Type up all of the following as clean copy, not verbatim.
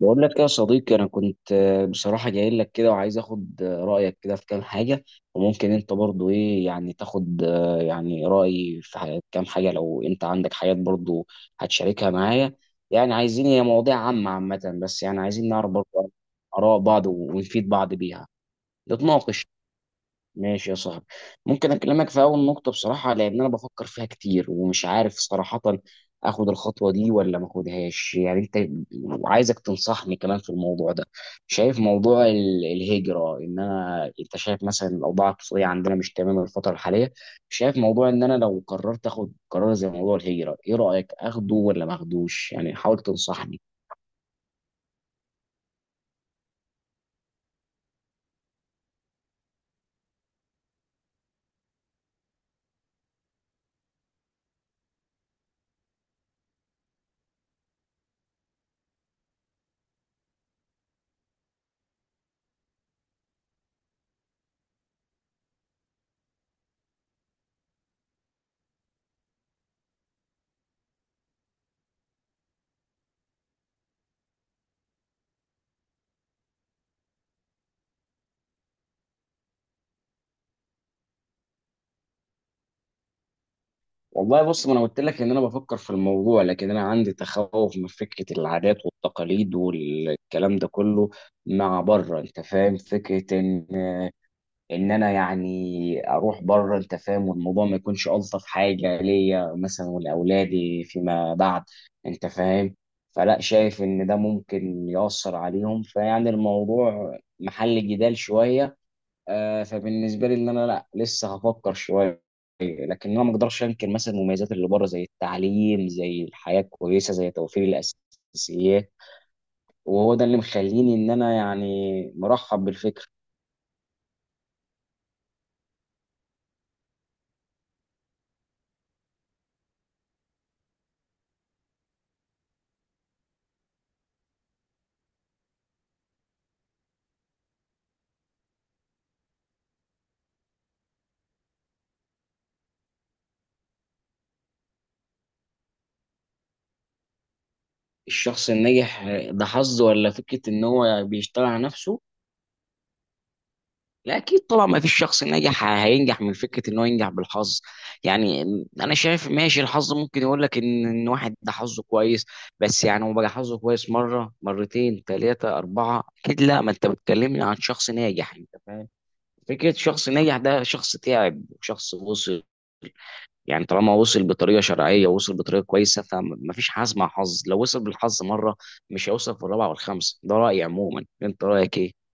بقول لك يا صديقي، انا كنت بصراحه جاي لك كده وعايز اخد رايك كده في كام حاجه. وممكن انت برضو ايه يعني تاخد يعني رايي في كام حاجه لو انت عندك حاجات برضو هتشاركها معايا. يعني عايزين هي مواضيع عامه عامه بس يعني عايزين نعرف برضو اراء بعض ونفيد بعض بيها نتناقش. ماشي يا صاحبي. ممكن اكلمك في اول نقطه بصراحه، لان انا بفكر فيها كتير ومش عارف صراحه اخد الخطوه دي ولا ما اخدهاش. يعني انت وعايزك تنصحني كمان في الموضوع ده. شايف موضوع الهجره، ان انا انت شايف مثلا الاوضاع الاقتصاديه عندنا مش تمام الفتره الحاليه. شايف موضوع ان انا لو قررت اخد قرار زي موضوع الهجره، ايه رايك اخده ولا ما اخدوش؟ يعني حاول تنصحني. والله بص، ما انا قلت لك ان انا بفكر في الموضوع، لكن انا عندي تخوف من فكره العادات والتقاليد والكلام ده كله مع بره. انت فاهم فكره ان انا يعني اروح بره. انت فاهم والموضوع ما يكونش الطف حاجه ليا مثلا ولاولادي فيما بعد. انت فاهم. فلا، شايف ان ده ممكن ياثر عليهم. فيعني الموضوع محل جدال شويه. فبالنسبه لي، ان انا لا لسه هفكر شويه. لكن انا ما اقدرش انكر مثلا المميزات اللي بره زي التعليم، زي الحياه الكويسه، زي توفير الاساسيات. وهو ده اللي مخليني ان انا يعني مرحب بالفكره. الشخص الناجح ده حظ ولا فكره ان هو بيشتغل على نفسه؟ لا، اكيد طبعا ما فيش شخص ناجح هينجح من فكره ان هو ينجح بالحظ، يعني. انا شايف ماشي، الحظ ممكن يقول لك ان واحد ده حظه كويس. بس يعني هو بقى حظه كويس مره، مرتين، ثلاثه، اربعه، اكيد لا، ما انت بتكلمني عن شخص ناجح. انت فاهم. فكرة شخص ناجح ده شخص تعب وشخص وصل. يعني طالما وصل بطريقة شرعية ووصل بطريقة كويسة فمفيش حظ مع حظ، لو وصل بالحظ مرة مش هيوصل في الرابعة والخامسة. ده رأيي عموما، انت رأيك ايه؟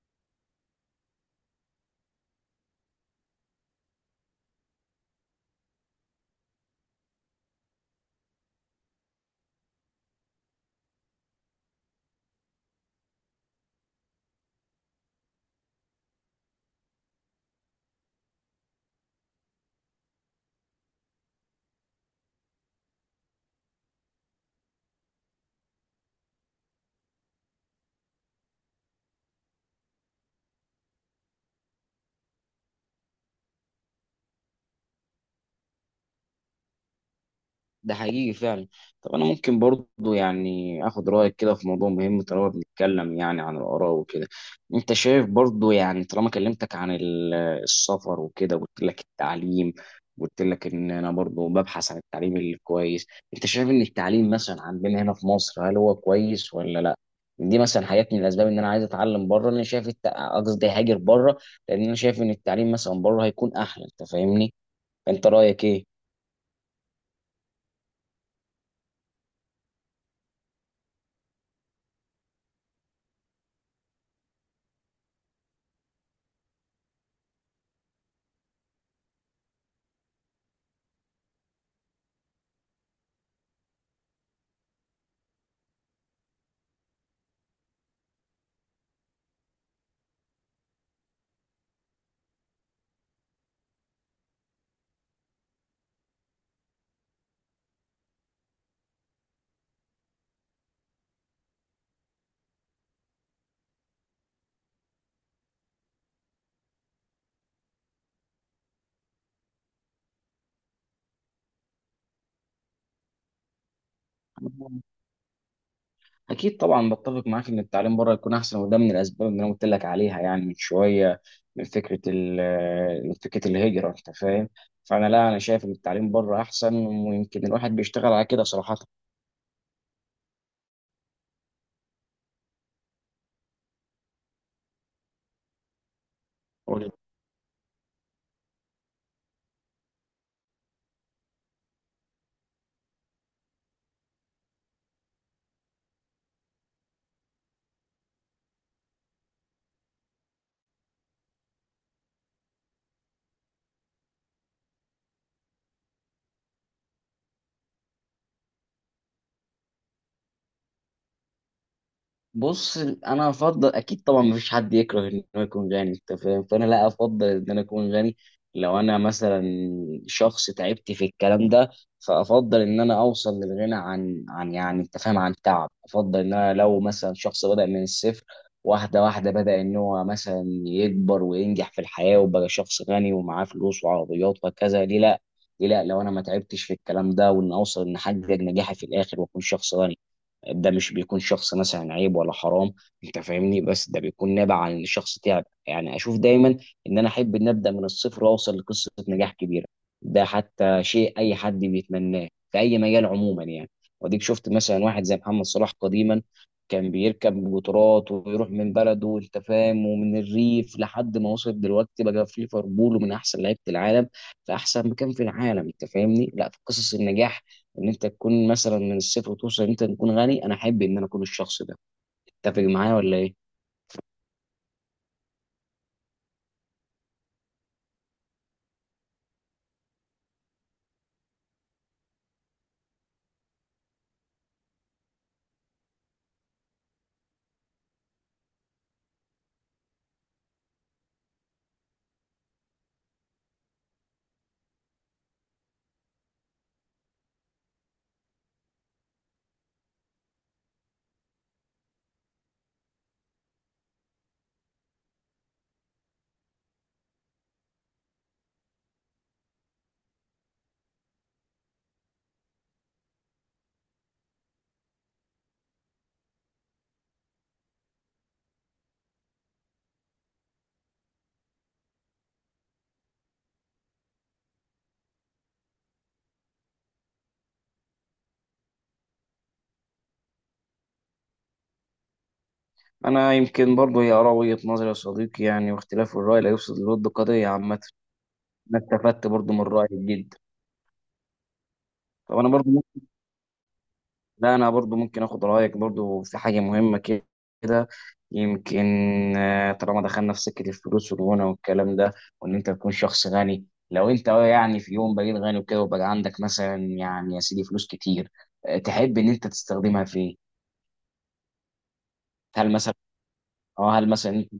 ده حقيقي فعلا. طب انا ممكن برضو يعني اخد رايك كده في موضوع مهم طالما بنتكلم يعني عن الاراء وكده. انت شايف برضو يعني طالما كلمتك عن السفر وكده وقلت لك التعليم وقلت لك ان انا برضو ببحث عن التعليم الكويس. انت شايف ان التعليم مثلا عندنا هنا في مصر هل هو كويس ولا لا؟ دي مثلا حاجات من الاسباب ان انا عايز اتعلم بره، ان انا شايف قصدي هاجر بره. لان انا شايف ان التعليم مثلا بره هيكون احلى. انت فاهمني؟ انت رايك ايه؟ اكيد طبعا بتفق معاك ان التعليم بره يكون احسن، وده من الاسباب اللي انا قلت لك عليها يعني من شويه. من فكره من فكره الهجره. انت فاهم. فانا لا، انا شايف ان التعليم بره احسن، ويمكن الواحد بيشتغل على كده صراحه. بص، انا افضل اكيد طبعا مفيش حد يكره ان هو يكون غني. انت فاهم فانا لا افضل ان انا اكون غني. لو انا مثلا شخص تعبت في الكلام ده، فافضل ان انا اوصل للغنى عن يعني انت فاهم، عن تعب. افضل ان انا لو مثلا شخص بدا من الصفر واحده واحده، بدا ان هو مثلا يكبر وينجح في الحياه وبقى شخص غني ومعاه فلوس وعربيات وكذا، ليه لا؟ ليه لا لو انا ما تعبتش في الكلام ده، وان اوصل ان احقق نجاحي في الاخر واكون شخص غني، ده مش بيكون شخص مثلا عيب ولا حرام. انت فاهمني؟ بس ده بيكون نابع عن ان شخص تعب. يعني اشوف دايما ان انا احب ان ابدا من الصفر واوصل لقصه نجاح كبيره. ده حتى شيء اي حد بيتمناه في اي مجال عموما، يعني. وديك شفت مثلا واحد زي محمد صلاح قديما، كان بيركب قطارات ويروح من بلده، انت فاهم، ومن الريف لحد ما وصل دلوقتي بقى في ليفربول ومن احسن لعيبه العالم في احسن مكان في العالم. انت فاهمني. لا، في قصص النجاح ان انت تكون مثلا من الصفر وتوصل ان انت تكون غني. انا احب ان انا اكون الشخص ده. تتفق معايا ولا ايه؟ انا يمكن برضو هي اراء وجهة نظري يا صديقي، يعني واختلاف الراي لا يفسد للود قضيه عامه. انا استفدت برضو من رايك جدا. طب انا برضو ممكن، لا انا برضو ممكن اخد رايك برضو في حاجه مهمه كده، يمكن. طالما دخلنا في سكه الفلوس والغنى والكلام ده وان انت تكون شخص غني. لو انت يعني في يوم بقيت غني وكده وبقى عندك مثلا يعني يا سيدي فلوس كتير، تحب ان انت تستخدمها في إيه؟ هل مثلا، اه هل مثلا انت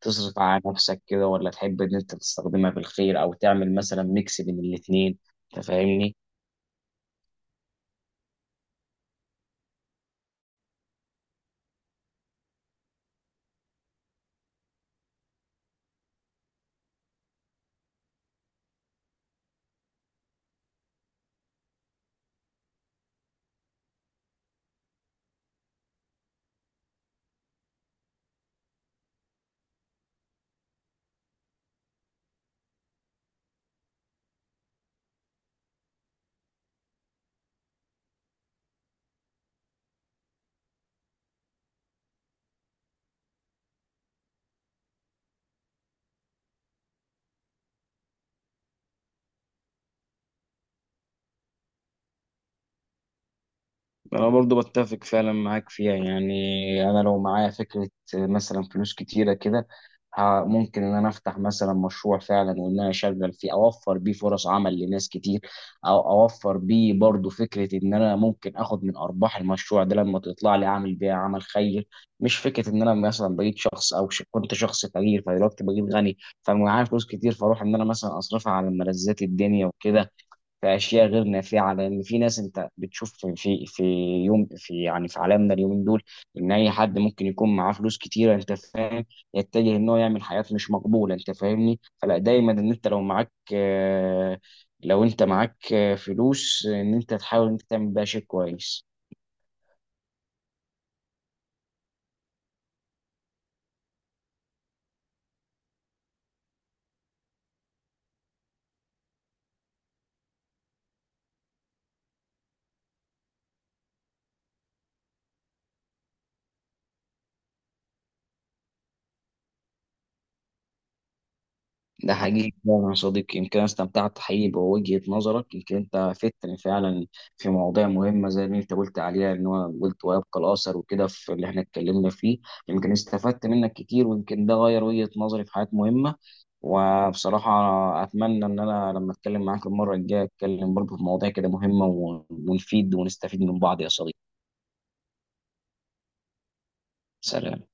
تصرف على نفسك كده ولا تحب ان انت تستخدمها في الخير او تعمل مثلا ميكس بين الاثنين؟ انت فاهمني. انا برضو بتفق فعلا معاك فيها يعني. انا لو معايا فكره مثلا فلوس كتيره كده، ممكن ان انا افتح مثلا مشروع فعلا وان انا اشغل فيه اوفر بيه فرص عمل لناس كتير. او اوفر بيه برضو فكره ان انا ممكن اخد من ارباح المشروع ده لما تطلع لي اعمل بيها عمل خير. مش فكره ان انا مثلا بقيت شخص او كنت شخص فقير فدلوقتي بقيت غني فمعايا فلوس كتير، فاروح ان انا مثلا اصرفها على ملذات الدنيا وكده في اشياء غير نافعه. لان في ناس انت بتشوف في يوم، في يعني في عالمنا اليومين دول، ان اي حد ممكن يكون معاه فلوس كتيره. انت فاهم. يتجه ان هو يعمل حاجات مش مقبوله. انت فاهمني فلا دايما ان انت لو معاك آه، لو انت معاك فلوس ان انت تحاول انت تعمل بيها شيء كويس. ده حقيقي فعلا يا صديقي. يمكن أنا استمتعت حقيقي بوجهة نظرك، يمكن انت فتني فعلا في مواضيع مهمة زي اللي انت قلت عليها، ان هو قلت ويبقى الاثر وكده في اللي احنا اتكلمنا فيه. يمكن استفدت منك كتير، ويمكن ده غير وجهة نظري في حاجات مهمة. وبصراحة اتمنى ان انا لما اتكلم معاك المرة الجاية اتكلم برضه في مواضيع كده مهمة، ونفيد ونستفيد من بعض يا صديقي. سلام.